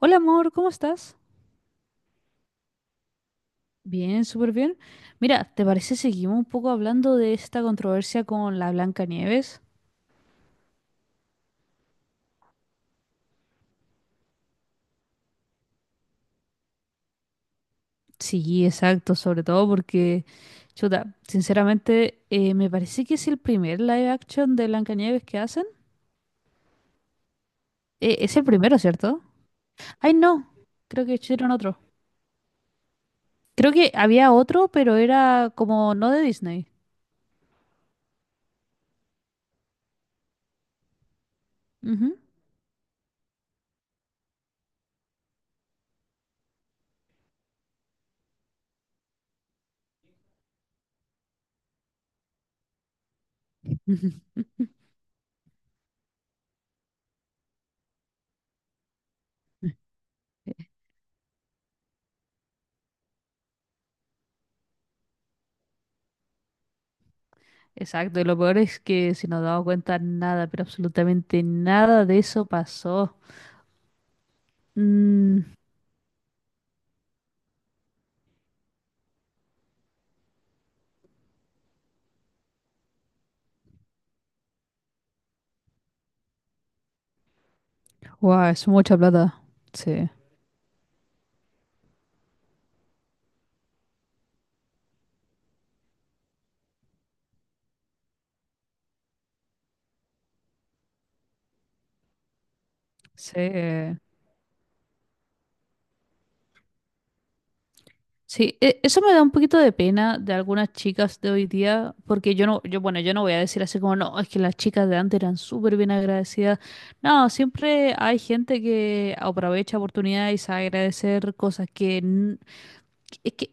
Hola amor, ¿cómo estás? Bien, súper bien. Mira, ¿te parece seguimos un poco hablando de esta controversia con la Blanca Nieves? Sí, exacto, sobre todo porque, chuta, sinceramente me parece que es el primer live action de Blanca Nieves que hacen. Es el primero, ¿cierto? Ay, no, creo que hicieron otro. Creo que había otro, pero era como no de Disney. Ujú. Exacto, y lo peor es que si nos damos cuenta, nada, pero absolutamente nada de eso pasó. Mm, wow, es mucha plata. Sí, sí. Sí, eso me da un poquito de pena de algunas chicas de hoy día, porque yo no, yo, bueno, yo no voy a decir así como, no, es que las chicas de antes eran súper bien agradecidas. No, siempre hay gente que aprovecha oportunidades a agradecer cosas que es que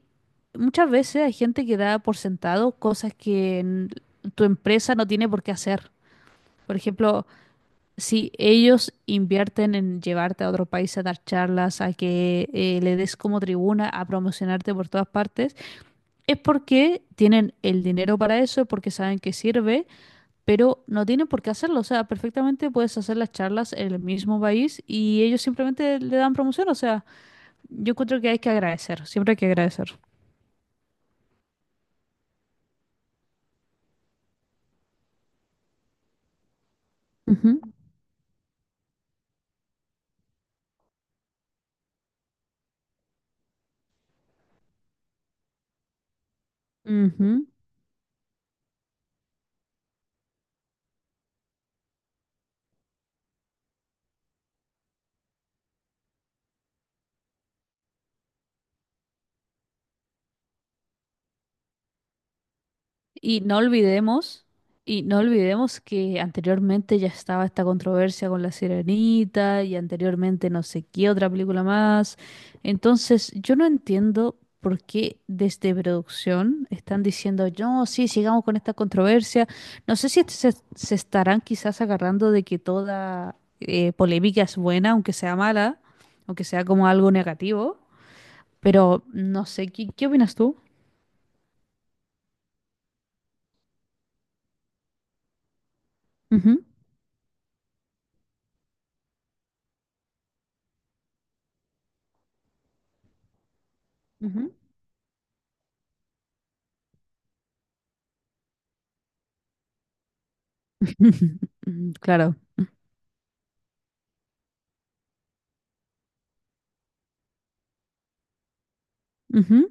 muchas veces hay gente que da por sentado cosas que tu empresa no tiene por qué hacer. Por ejemplo, si ellos invierten en llevarte a otro país a dar charlas, a que le des como tribuna, a promocionarte por todas partes, es porque tienen el dinero para eso, porque saben que sirve, pero no tienen por qué hacerlo. O sea, perfectamente puedes hacer las charlas en el mismo país y ellos simplemente le dan promoción. O sea, yo encuentro que hay que agradecer, siempre hay que agradecer. Ujú, ujú. Y no olvidemos, y no olvidemos que anteriormente ya estaba esta controversia con La Sirenita y anteriormente no sé qué otra película más. Entonces, yo no entiendo por qué desde producción están diciendo, no, sí, sigamos con esta controversia. No sé si se estarán quizás agarrando de que toda polémica es buena, aunque sea mala, aunque sea como algo negativo, pero no sé, ¿qué opinas tú? Ujú, ujú. Claro. Ujú,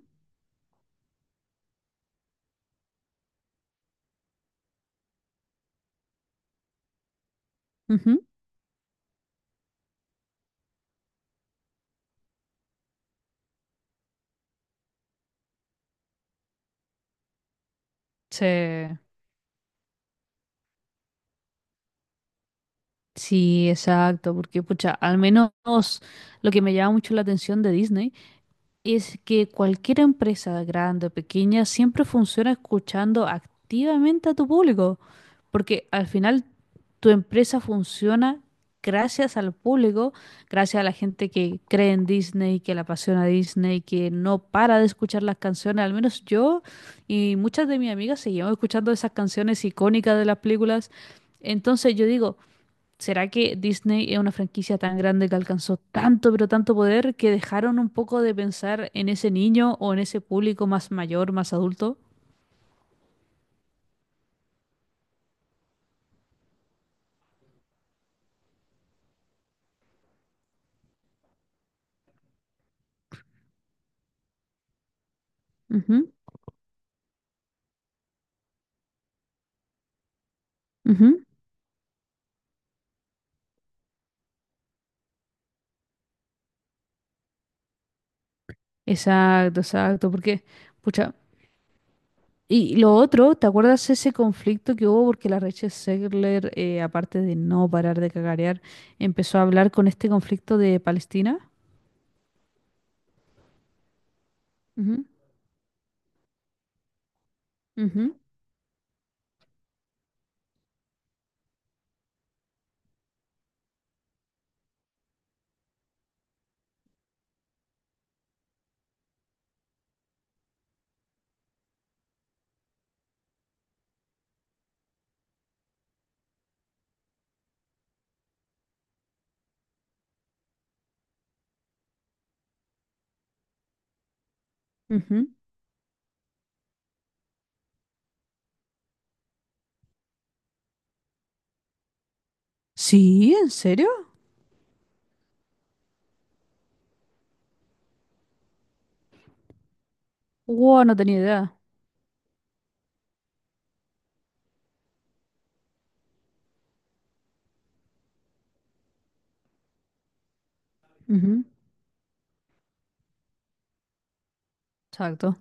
ujú. Sí, sí, exacto, porque pucha, al menos lo que me llama mucho la atención de Disney es que cualquier empresa, grande o pequeña, siempre funciona escuchando activamente a tu público, porque al final tu empresa funciona gracias al público, gracias a la gente que cree en Disney, que le apasiona Disney, que no para de escuchar las canciones, al menos yo y muchas de mis amigas seguimos escuchando esas canciones icónicas de las películas. Entonces yo digo, ¿será que Disney es una franquicia tan grande que alcanzó tanto, pero tanto poder que dejaron un poco de pensar en ese niño o en ese público más mayor, más adulto? Ujú, ujú. Exacto, exacto, porque, pucha, y lo otro, ¿te acuerdas ese conflicto que hubo porque la Rachel Zegler, aparte de no parar de cagarear, empezó a hablar con este conflicto de Palestina? Ujú, ujú, ujú. Sí, ¿en serio? Wow, no tenía idea. Ujú, exacto.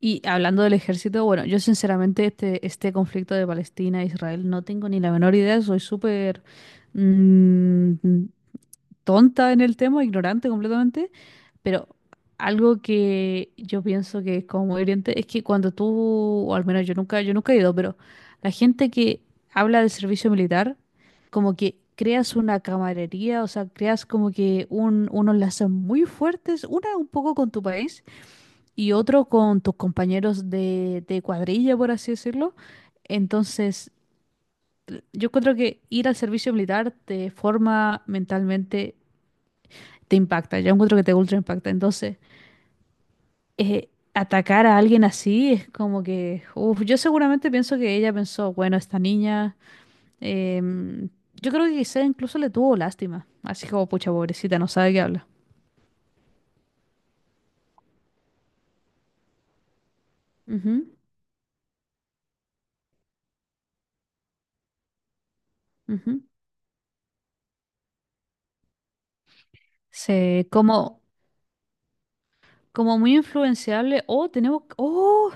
Y hablando del ejército, bueno, yo sinceramente este conflicto de Palestina e Israel no tengo ni la menor idea, soy súper mm, tonta en el tema, ignorante completamente, pero algo que yo pienso que es como muy hiriente es que cuando tú, o al menos yo nunca he ido, pero la gente que habla del servicio militar, como que creas una camaradería, o sea, creas como que unos lazos muy fuertes, una un poco con tu país y otro con tus compañeros de cuadrilla, por así decirlo. Entonces, yo encuentro que ir al servicio militar te forma mentalmente, te impacta. Yo encuentro que te ultra impacta. Entonces, atacar a alguien así es como que, uf, yo seguramente pienso que ella pensó, bueno, esta niña, em, yo creo que quizá incluso le tuvo lástima. Así como, pucha, pobrecita, no sabe qué habla. Ujú, ujú. Se, como, como muy influenciable. Oh, tenemos, oh,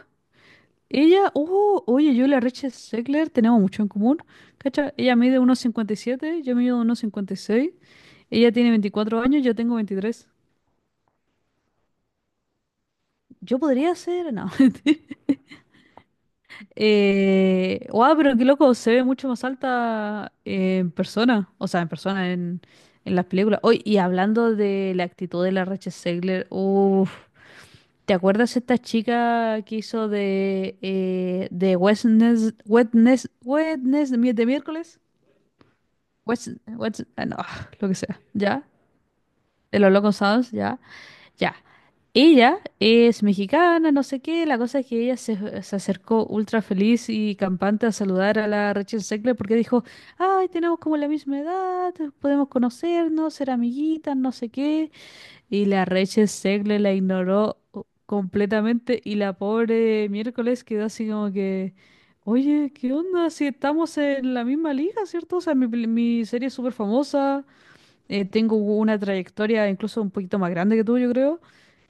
ella, oh, oye, yo y la Rachel Zegler tenemos mucho en común, ¿cacha? Ella mide 1,57, yo mido 1,56. Ella tiene 24 años, yo tengo 23. Yo podría ser, no. Wow, pero qué loco, se ve mucho más alta en persona, o sea, en persona, en las películas. Hoy y hablando de la actitud de la Rachel Zegler, uff, ¿te acuerdas esta chica que hizo de Wednesday, de miércoles? What's, what's- ah, no, lo que sea, ya, de los Locos Sounds, ya, ya. Ella es mexicana, no sé qué, la cosa es que se acercó ultra feliz y campante a saludar a la Rachel Zegler porque dijo, ay, tenemos como la misma edad, podemos conocernos, ser amiguitas, no sé qué. Y la Rachel Zegler la ignoró completamente y la pobre miércoles quedó así como que, oye, ¿qué onda? Si estamos en la misma liga, ¿cierto? O sea, mi serie es súper famosa, tengo una trayectoria incluso un poquito más grande que tú, yo creo.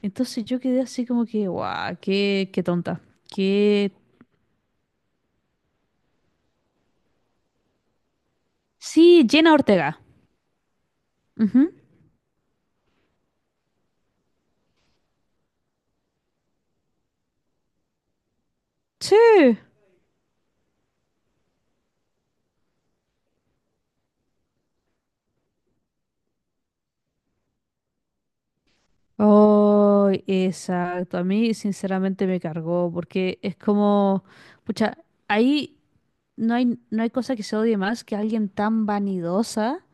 Entonces yo quedé así como que, guau, qué tonta. Qué... Sí, Jenna Ortega. Ujú. Sí. Oh, exacto. A mí sinceramente me cargó porque es como, pucha, ahí no hay cosa que se odie más que alguien tan vanidosa.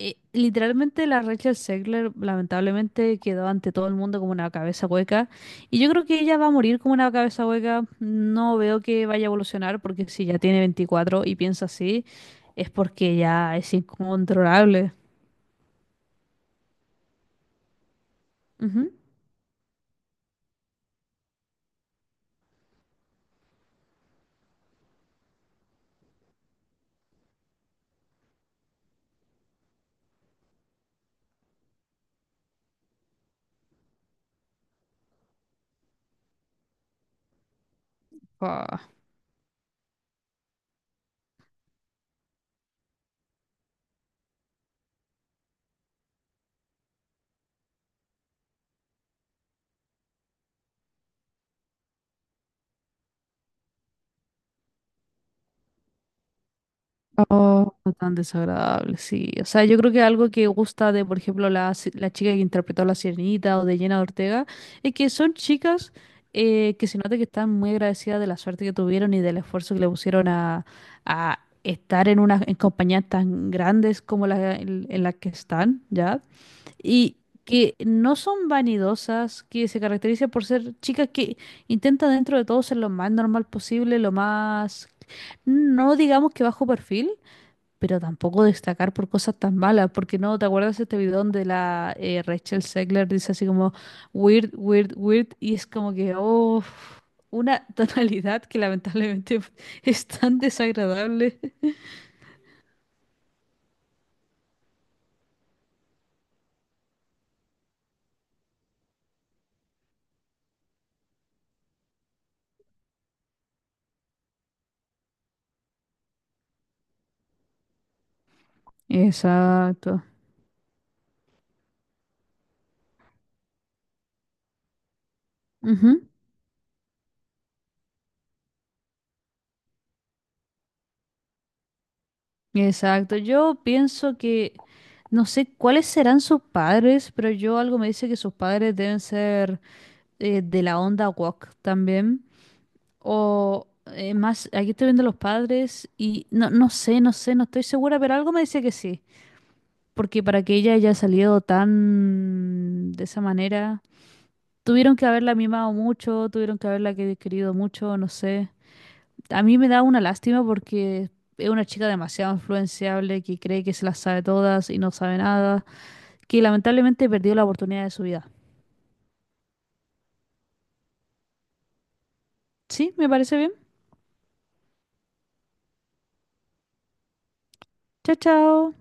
Literalmente la Rachel Zegler lamentablemente quedó ante todo el mundo como una cabeza hueca y yo creo que ella va a morir como una cabeza hueca. No veo que vaya a evolucionar porque si ya tiene 24 y piensa así es porque ya es incontrolable. Ujú. Oh, no tan desagradable, sí. O sea, yo creo que algo que gusta de, por ejemplo, la, si- la chica que interpretó a La Sirenita o de Jenna Ortega, es que son chicas que se nota que están muy agradecidas de la suerte que tuvieron y del esfuerzo que le pusieron a estar en unas en compañías tan grandes como en las que están, ¿ya? Y que no son vanidosas, que se caracterizan por ser chicas que intentan dentro de todo ser lo más normal posible, lo más, no digamos que bajo perfil pero tampoco destacar por cosas tan malas, porque no, ¿te acuerdas este video donde la Rachel Zegler dice así como weird, weird, weird? Y es como que, oh, una tonalidad que lamentablemente es tan desagradable. Exacto. Ujú. Exacto. Yo pienso que, no sé cuáles serán sus padres, pero yo algo me dice que sus padres deben ser de la onda woke también. O aquí estoy viendo los padres y no, no sé, no sé, no estoy segura, pero algo me dice que sí. Porque para que ella haya salido tan de esa manera, tuvieron que haberla mimado mucho, tuvieron que haberla querido mucho, no sé. A mí me da una lástima porque es una chica demasiado influenciable que cree que se las sabe todas y no sabe nada, que lamentablemente perdió la oportunidad de su vida. ¿Sí? ¿Me parece bien? Chao, chao.